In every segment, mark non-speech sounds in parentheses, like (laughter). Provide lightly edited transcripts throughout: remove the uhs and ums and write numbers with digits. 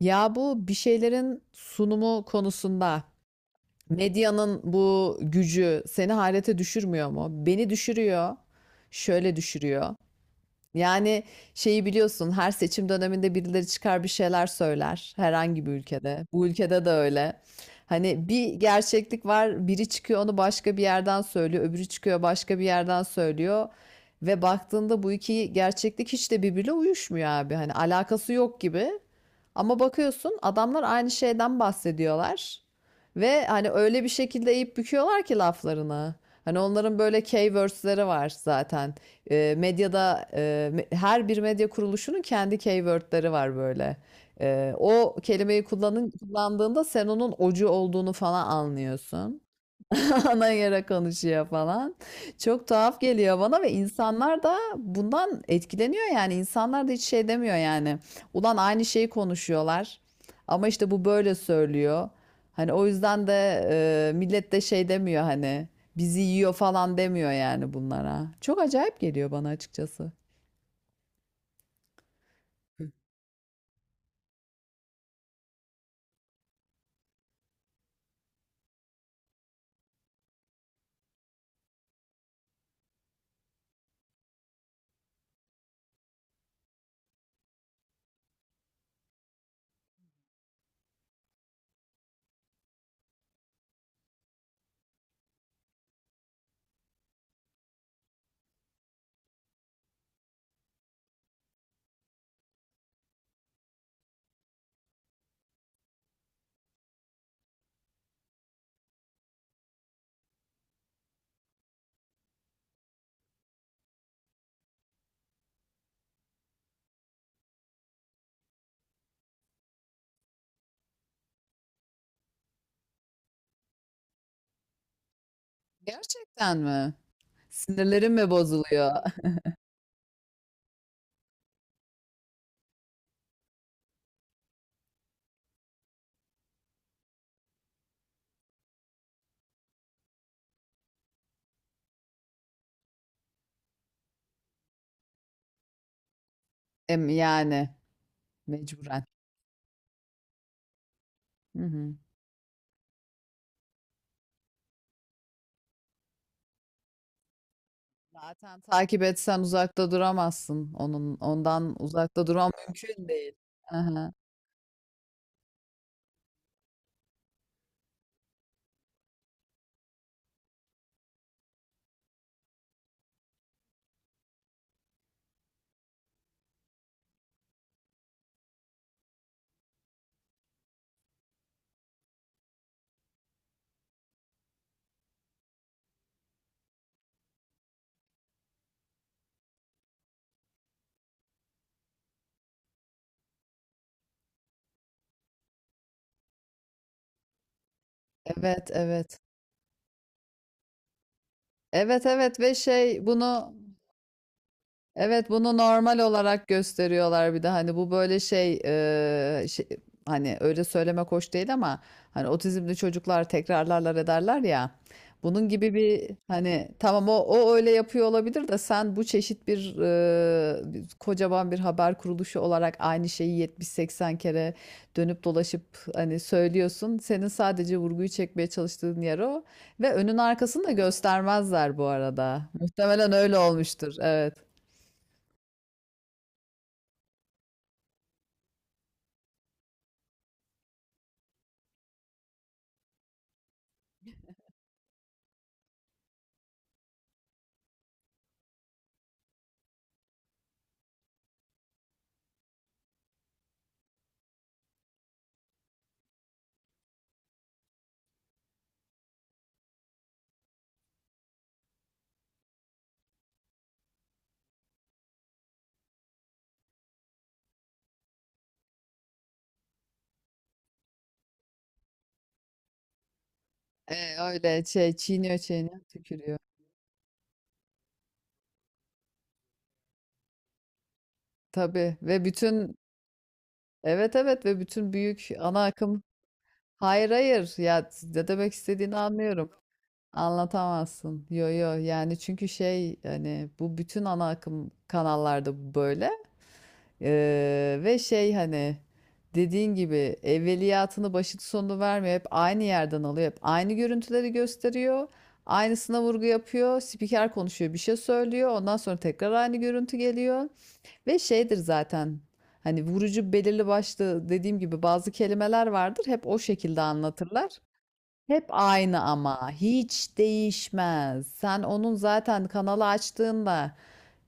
Ya bu bir şeylerin sunumu konusunda medyanın bu gücü seni hayrete düşürmüyor mu? Beni düşürüyor. Şöyle düşürüyor. Yani şeyi biliyorsun, her seçim döneminde birileri çıkar bir şeyler söyler herhangi bir ülkede. Bu ülkede de öyle. Hani bir gerçeklik var, biri çıkıyor onu başka bir yerden söylüyor, öbürü çıkıyor başka bir yerden söylüyor. Ve baktığında bu iki gerçeklik hiç de birbiriyle uyuşmuyor abi. Hani alakası yok gibi. Ama bakıyorsun adamlar aynı şeyden bahsediyorlar. Ve hani öyle bir şekilde eğip büküyorlar ki laflarını. Hani onların böyle keywords'leri var zaten. Medyada her bir medya kuruluşunun kendi keyword'leri var böyle. O kelimeyi kullanın, kullandığında sen onun ocu olduğunu falan anlıyorsun. (laughs) ana yara konuşuyor falan. Çok tuhaf geliyor bana ve insanlar da bundan etkileniyor yani. İnsanlar da hiç şey demiyor yani. Ulan aynı şeyi konuşuyorlar. Ama işte bu böyle söylüyor. Hani o yüzden de millet de şey demiyor, hani bizi yiyor falan demiyor yani bunlara. Çok acayip geliyor bana açıkçası. Gerçekten mi? Sinirlerim mi bozuluyor? (laughs) Yani mecburen. Hı hı. Zaten takip etsen uzakta duramazsın. Onun ondan uzakta duran mümkün değil. Aha. Evet, evet. Evet, evet ve şey bunu. Evet, bunu normal olarak gösteriyorlar, bir de hani bu böyle şey, şey, hani öyle söylemek hoş değil ama hani otizmli çocuklar tekrarlarlar ederler ya, bunun gibi bir, hani tamam o öyle yapıyor olabilir de sen bu çeşit bir, kocaman bir haber kuruluşu olarak aynı şeyi 70 80 kere dönüp dolaşıp hani söylüyorsun, senin sadece vurguyu çekmeye çalıştığın yer o ve önün arkasını da göstermezler bu arada, muhtemelen öyle olmuştur, evet. Öyle şey, çiğniyor çiğniyor tükürüyor. Tabii ve bütün, evet evet ve bütün büyük ana akım, hayır hayır ya, ne demek istediğini anlıyorum. Anlatamazsın. Yo yo, yani çünkü şey, hani bu bütün ana akım kanallarda bu böyle. Ve şey, hani dediğin gibi evveliyatını başını sonunu vermiyor. Hep aynı yerden alıyor. Hep aynı görüntüleri gösteriyor. Aynısına vurgu yapıyor. Spiker konuşuyor, bir şey söylüyor. Ondan sonra tekrar aynı görüntü geliyor. Ve şeydir zaten, hani vurucu belirli başlı, dediğim gibi bazı kelimeler vardır, hep o şekilde anlatırlar. Hep aynı, ama hiç değişmez. Sen onun zaten kanalı açtığında,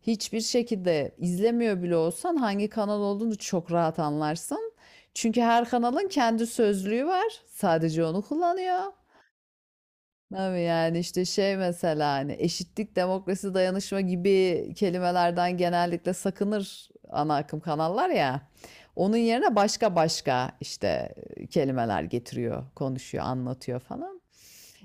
hiçbir şekilde izlemiyor bile olsan, hangi kanal olduğunu çok rahat anlarsın. Çünkü her kanalın kendi sözlüğü var. Sadece onu kullanıyor. Tabii yani işte şey, mesela hani eşitlik, demokrasi, dayanışma gibi kelimelerden genellikle sakınır ana akım kanallar ya. Onun yerine başka başka işte kelimeler getiriyor, konuşuyor, anlatıyor falan.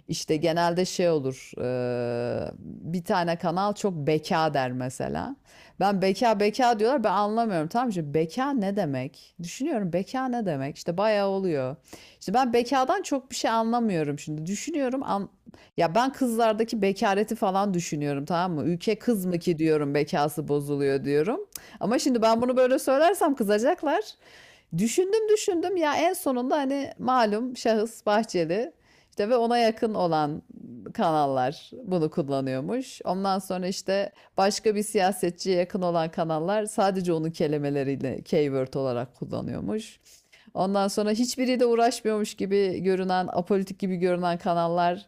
İşte genelde şey olur. Bir tane kanal çok beka der mesela. Ben, beka beka diyorlar, ben anlamıyorum, tamam mı? Şimdi beka ne demek? Düşünüyorum beka ne demek? İşte bayağı oluyor. İşte ben bekadan çok bir şey anlamıyorum şimdi. Düşünüyorum an, ya ben kızlardaki bekareti falan düşünüyorum, tamam mı? Ülke kız mı ki diyorum, bekası bozuluyor diyorum. Ama şimdi ben bunu böyle söylersem kızacaklar. Düşündüm düşündüm ya, en sonunda hani malum şahıs Bahçeli işte ve ona yakın olan kanallar bunu kullanıyormuş. Ondan sonra işte başka bir siyasetçiye yakın olan kanallar sadece onun kelimeleriyle keyword olarak kullanıyormuş. Ondan sonra hiçbiriyle uğraşmıyormuş gibi görünen, apolitik gibi görünen kanallar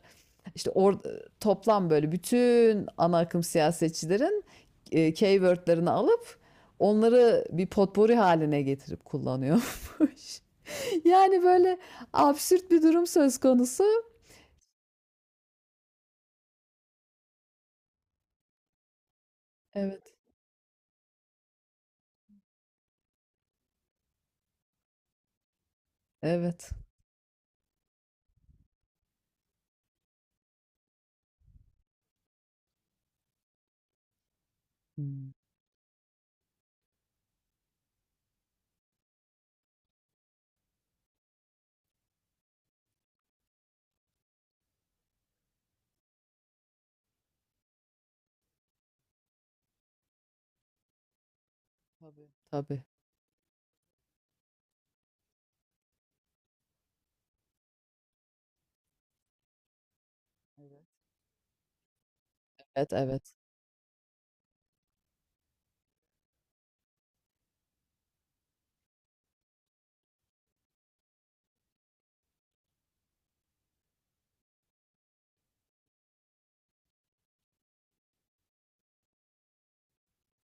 işte toplam böyle bütün ana akım siyasetçilerin keywordlerini alıp onları bir potpori haline getirip kullanıyormuş. (laughs) Yani böyle absürt bir durum söz konusu. Evet. Evet. Hmm. Tabii. Tabii. Evet, evet. Evet.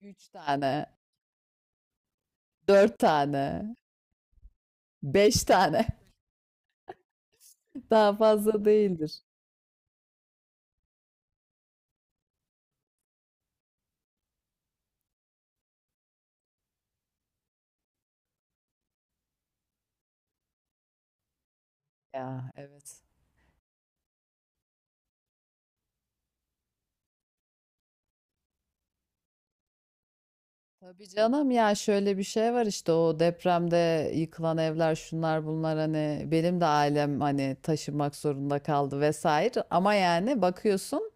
Üç tane, dört tane, beş tane. (laughs) Daha fazla değildir. Ya, evet. Tabii canım ya, şöyle bir şey var, işte o depremde yıkılan evler şunlar bunlar, hani benim de ailem hani taşınmak zorunda kaldı vesaire, ama yani bakıyorsun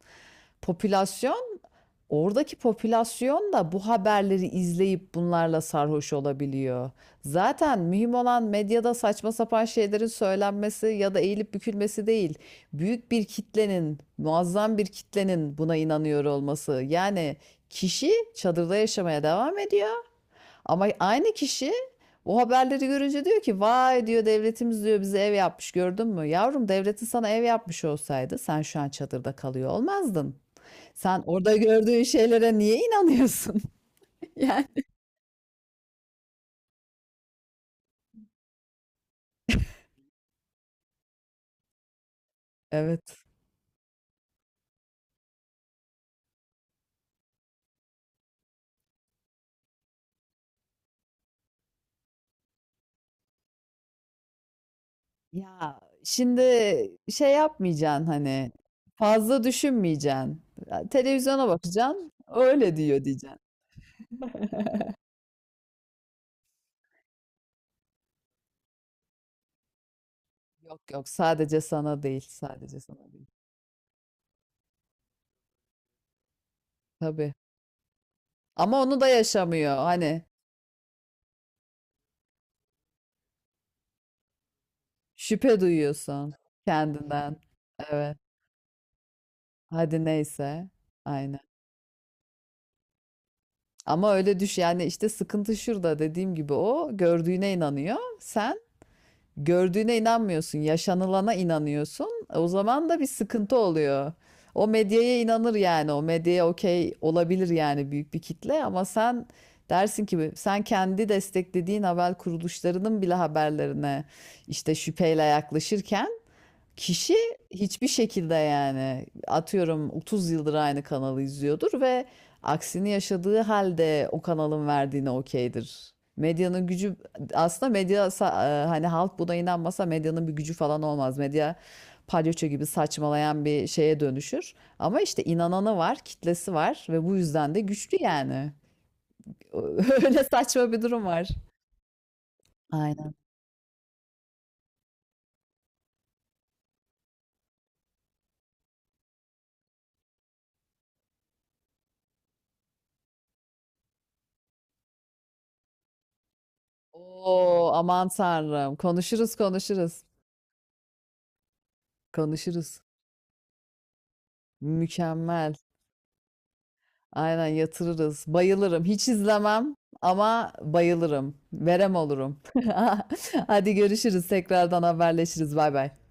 popülasyon, oradaki popülasyon da bu haberleri izleyip bunlarla sarhoş olabiliyor. Zaten mühim olan medyada saçma sapan şeylerin söylenmesi ya da eğilip bükülmesi değil. Büyük bir kitlenin, muazzam bir kitlenin buna inanıyor olması. Yani kişi çadırda yaşamaya devam ediyor. Ama aynı kişi bu haberleri görünce diyor ki, vay diyor, devletimiz diyor bize ev yapmış, gördün mü? Yavrum, devletin sana ev yapmış olsaydı sen şu an çadırda kalıyor olmazdın. Sen orada gördüğün şeylere niye inanıyorsun? (laughs) Yani evet. Ya şimdi şey yapmayacaksın, hani fazla düşünmeyeceksin. Ya, televizyona bakacaksın. Öyle diyor diyeceksin. Yok yok, sadece sana değil, sadece sana değil. Tabii. Ama onu da yaşamıyor hani. Şüphe duyuyorsun kendinden. Evet. Hadi neyse. Aynen. Ama öyle düş, yani işte sıkıntı şurada, dediğim gibi, o gördüğüne inanıyor. Sen gördüğüne inanmıyorsun. Yaşanılana inanıyorsun. O zaman da bir sıkıntı oluyor. O medyaya inanır yani. O medyaya okey olabilir yani, büyük bir kitle, ama sen dersin ki sen kendi desteklediğin haber kuruluşlarının bile haberlerine işte şüpheyle yaklaşırken, kişi hiçbir şekilde, yani atıyorum 30 yıldır aynı kanalı izliyordur ve aksini yaşadığı halde o kanalın verdiğine okeydir. Medyanın gücü, aslında hani halk buna inanmasa medyanın bir gücü falan olmaz. Medya palyaço gibi saçmalayan bir şeye dönüşür. Ama işte inananı var, kitlesi var ve bu yüzden de güçlü yani. (laughs) Öyle saçma bir durum var. Aynen. Oo, aman tanrım. Konuşuruz konuşuruz. Konuşuruz. Mükemmel. Aynen yatırırız. Bayılırım. Hiç izlemem ama bayılırım. Verem olurum. (laughs) Hadi görüşürüz. Tekrardan haberleşiriz. Bay bay.